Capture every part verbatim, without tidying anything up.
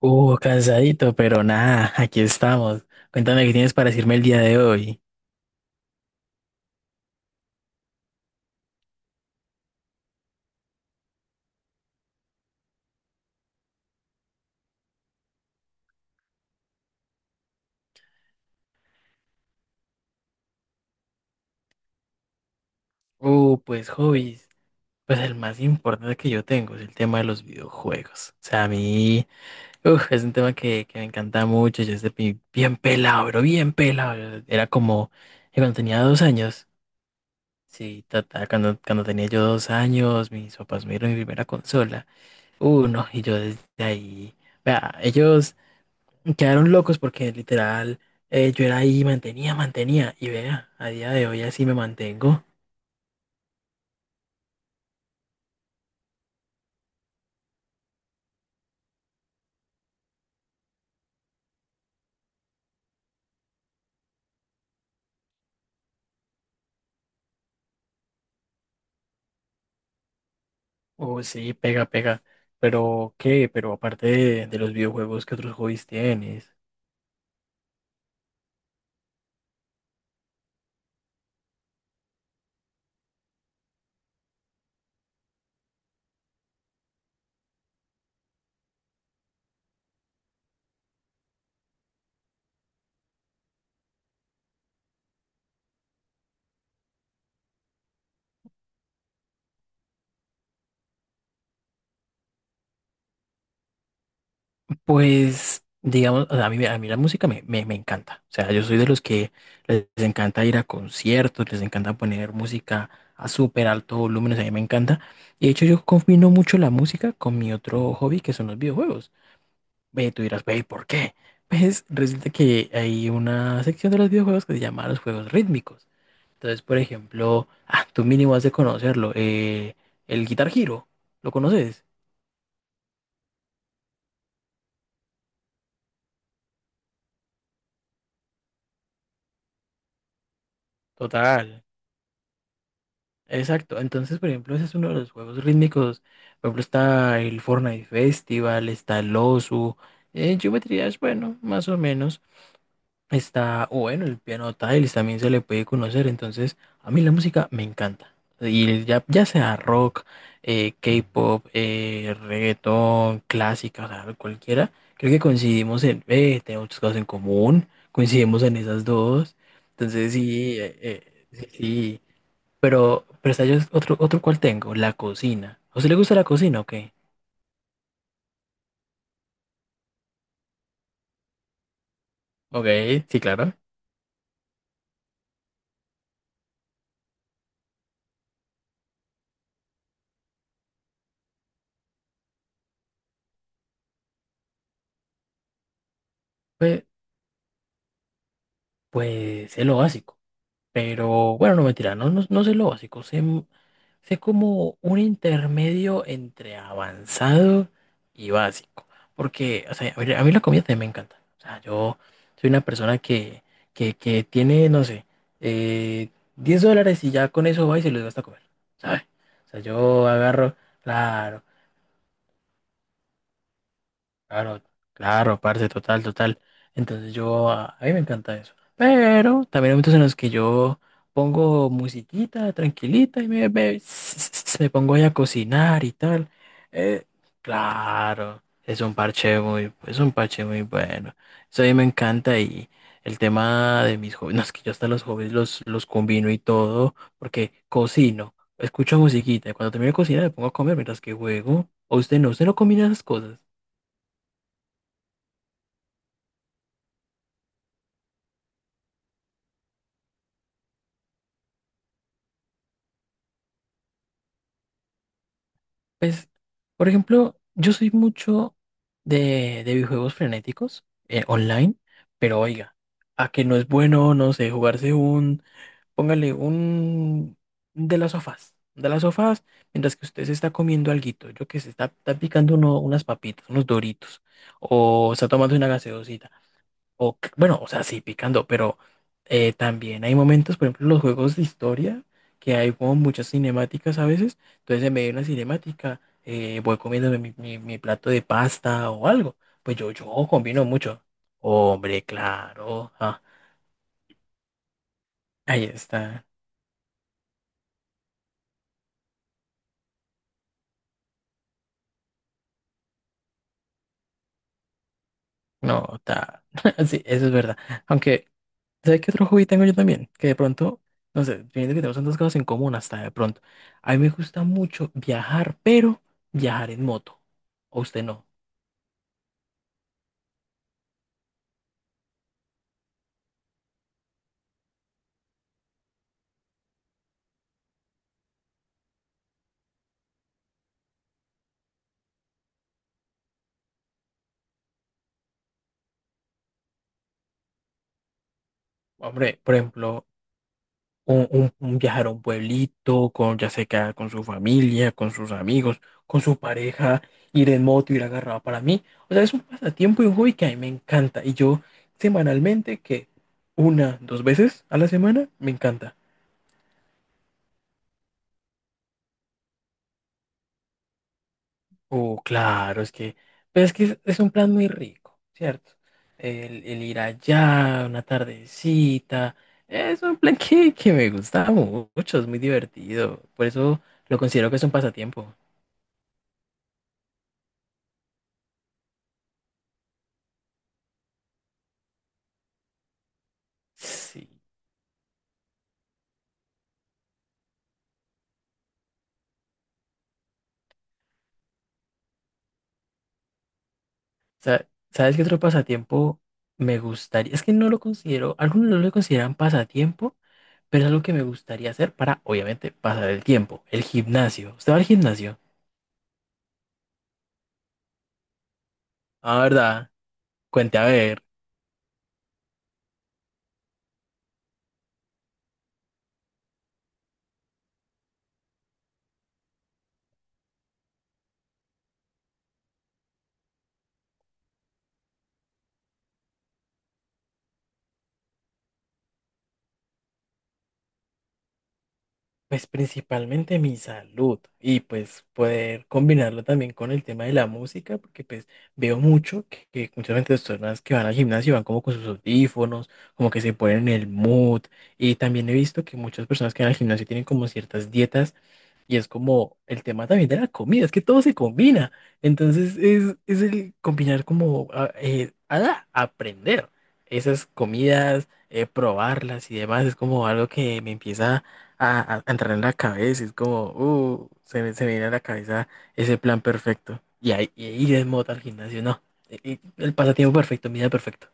Uh, cansadito, pero nada, aquí estamos. Cuéntame qué tienes para decirme el día de hoy. Uh, pues hobbies. Pues el más importante que yo tengo es el tema de los videojuegos. O sea, a mí, uf, es un tema que, que me encanta mucho. Yo desde pi- bien pelado, pero bien pelado. Yo era como que cuando tenía dos años. Sí, tata, cuando, cuando tenía yo dos años, mis papás me dieron mi primera consola. Uh, no, y yo desde ahí. Vea, ellos quedaron locos porque literal, eh, yo era ahí, mantenía, mantenía. Y vea, a día de hoy así me mantengo. Oh, sí, pega, pega. Pero ¿qué? Pero aparte de, de los videojuegos, ¿qué otros hobbies tienes? Pues, digamos, o sea, a mí, a mí la música me, me, me encanta. O sea, yo soy de los que les encanta ir a conciertos, les encanta poner música a súper alto volumen, o sea, a mí me encanta. Y de hecho yo combino mucho la música con mi otro hobby, que son los videojuegos. Ve, y tú dirás, ve, ¿por qué? Pues resulta que hay una sección de los videojuegos que se llama los juegos rítmicos. Entonces, por ejemplo, ah, tú mínimo has de conocerlo, eh, el Guitar Hero, ¿lo conoces? Total, exacto. Entonces, por ejemplo, ese es uno de los juegos rítmicos. Por ejemplo, está el Fortnite Festival, está el Osu. Eh, Geometry Dash, bueno, más o menos. Está, o bueno, el piano tiles también se le puede conocer, entonces a mí la música me encanta. Y ya, ya sea rock, eh, K-pop, eh, reggaetón, clásica, o sea, cualquiera, creo que coincidimos en, eh, tenemos muchas cosas en común, coincidimos en esas dos, entonces sí, eh, eh, sí, sí. Pero, pero está yo otro, otro cual tengo, la cocina. ¿A usted le gusta la cocina o qué? Ok, sí, claro. Pues, pues es lo básico. Pero bueno, no mentira, no, no, no sé lo básico, sé, m- sé como un intermedio entre avanzado y básico. Porque, o sea, a ver, a mí la comida también me encanta. O sea, yo soy una persona que, que, que tiene, no sé, eh, diez dólares y ya con eso va y se los gasta a comer, ¿sabes? O sea, yo agarro, claro, claro, claro, parce, total, total. Entonces yo, a, a mí me encanta eso. Pero también hay momentos en los que yo pongo musiquita tranquilita y me, me- me pongo ahí a cocinar y tal. Eh, claro, es un parche muy, es un parche muy bueno. Eso a mí me encanta y el tema de mis hobbies, no, es que yo hasta los hobbies los, los combino y todo, porque cocino, escucho musiquita y cuando termino de cocinar me pongo a comer mientras que juego. ¿O usted no? ¿Usted no combina esas cosas? Pues, por ejemplo, yo soy mucho de, de videojuegos frenéticos, eh, online, pero oiga, a que no es bueno, no sé, jugarse un, póngale un de las sofás, de las sofás, mientras que usted se está comiendo alguito, yo que se está, está picando uno- unas papitas, unos doritos, o está tomando una gaseosita. O, c- bueno, o sea, sí, picando, pero, eh, también hay momentos, por ejemplo, en los juegos de historia, que hay como muchas cinemáticas a veces. Entonces, en medio de una cinemática, eh, voy comiéndome mi, mi- mi plato de pasta o algo. Pues yo, yo combino mucho. Hombre, claro, ah, ahí está. No, está. Sí, eso es verdad. Aunque, ¿sabes qué otro hobby tengo yo también? Que de pronto, no sé, viendo que tenemos tantas cosas en común hasta de pronto. A mí me gusta mucho viajar, pero viajar en moto. ¿O usted no? Hombre, por ejemplo, un, un- un viajar a un pueblito, con, ya sea que con su familia, con sus amigos, con su pareja, ir en moto, ir agarrado para mí. O sea, es un pasatiempo y un hobby que a mí me encanta. Y yo semanalmente, que una, dos veces a la semana, me encanta. Oh, claro, es que, pero es que es, es un plan muy rico, ¿cierto? El, el ir allá, una tardecita, es un plan que, que me gusta mucho, es muy divertido. Por eso lo considero que es un pasatiempo. Sí. Sa- ¿Sabes qué otro pasatiempo me gustaría? Es que no lo considero, algunos no lo consideran pasatiempo, pero es algo que me gustaría hacer para, obviamente, pasar el tiempo. El gimnasio. ¿Usted va al gimnasio? Ah, ¿verdad? Cuente a ver. Pues principalmente mi salud y pues poder combinarlo también con el tema de la música, porque pues veo mucho que, que muchas veces las personas que van al gimnasio van como con sus audífonos, como que se ponen en el mood. Y también he visto que muchas personas que van al gimnasio tienen como ciertas dietas. Y es como el tema también de la comida, es que todo se combina. Entonces es, es el combinar como a- eh, a- aprender esas comidas, eh, probarlas y demás. Es como algo que me empieza a, a- a entrar en la cabeza. Es como, uh, se me, se me viene a la cabeza ese plan perfecto. Y ahí y ir en moto al gimnasio, no. eh, eh, El pasatiempo perfecto, mi día perfecto.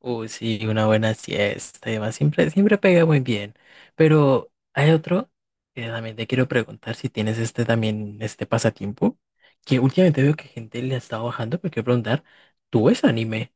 Uy, sí, una buena siesta y demás, siempre, siempre pega muy bien. Pero hay otro que también te quiero preguntar si tienes este también, este pasatiempo, que últimamente veo que gente le ha estado bajando, pero quiero preguntar, ¿tú ves anime?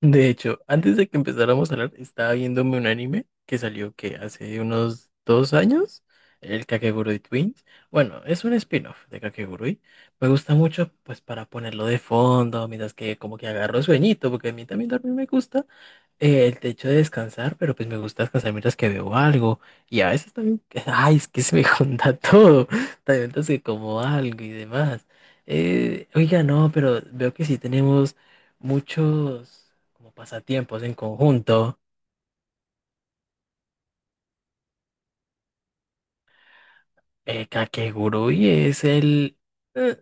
De hecho, antes de que empezáramos a hablar, estaba viéndome un anime que salió que hace unos dos años, el Kakegurui Twins. Bueno, es un spin-off de Kakegurui. Me gusta mucho, pues, para ponerlo de fondo, mientras que como que agarro sueñito, porque a mí también dormir me gusta. Eh, el hecho de descansar, pero pues me gusta descansar mientras que veo algo. Y a veces también, que- ay, es que se me junta todo. También mientras que como algo y demás. Eh, oiga, no, pero veo que sí tenemos muchos como pasatiempos en conjunto. Eh, Kakegurui es el... eh,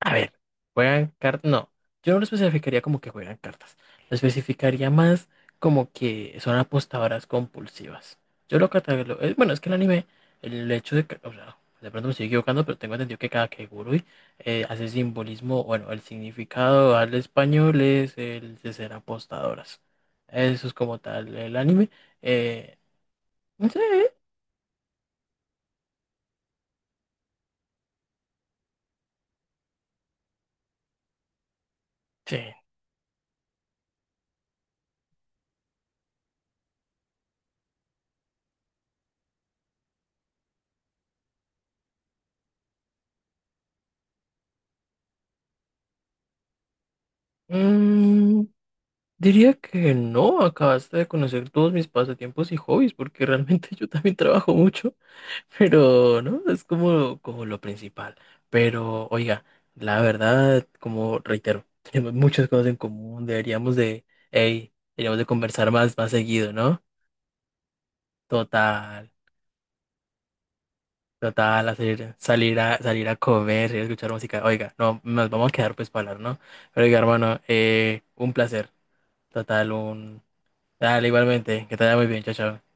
a ver, juegan cartas. No, yo no lo especificaría como que juegan cartas. Lo especificaría más como que son apostadoras compulsivas. Yo lo catalogo. eh, Bueno, es que el anime, el hecho de que. O sea, de pronto me estoy equivocando, pero tengo entendido que cada Kagurui eh, hace simbolismo. Bueno, el significado al español es el de ser apostadoras. Eso es como tal el anime. Eh, sí, sí. Mm, diría que no, acabaste de conocer todos mis pasatiempos y hobbies, porque realmente yo también trabajo mucho, pero no, es como, como lo principal. Pero, oiga, la verdad, como reitero, tenemos muchas cosas en común, deberíamos de, hey, deberíamos de conversar más, más seguido, ¿no? Total, total, hacer, salir a, salir a comer, ir a escuchar música. Oiga, no, nos vamos a quedar pues para hablar, ¿no? Pero, oiga, hermano, eh, un placer, total, un... Dale, igualmente, que te vaya muy bien, chao, chao.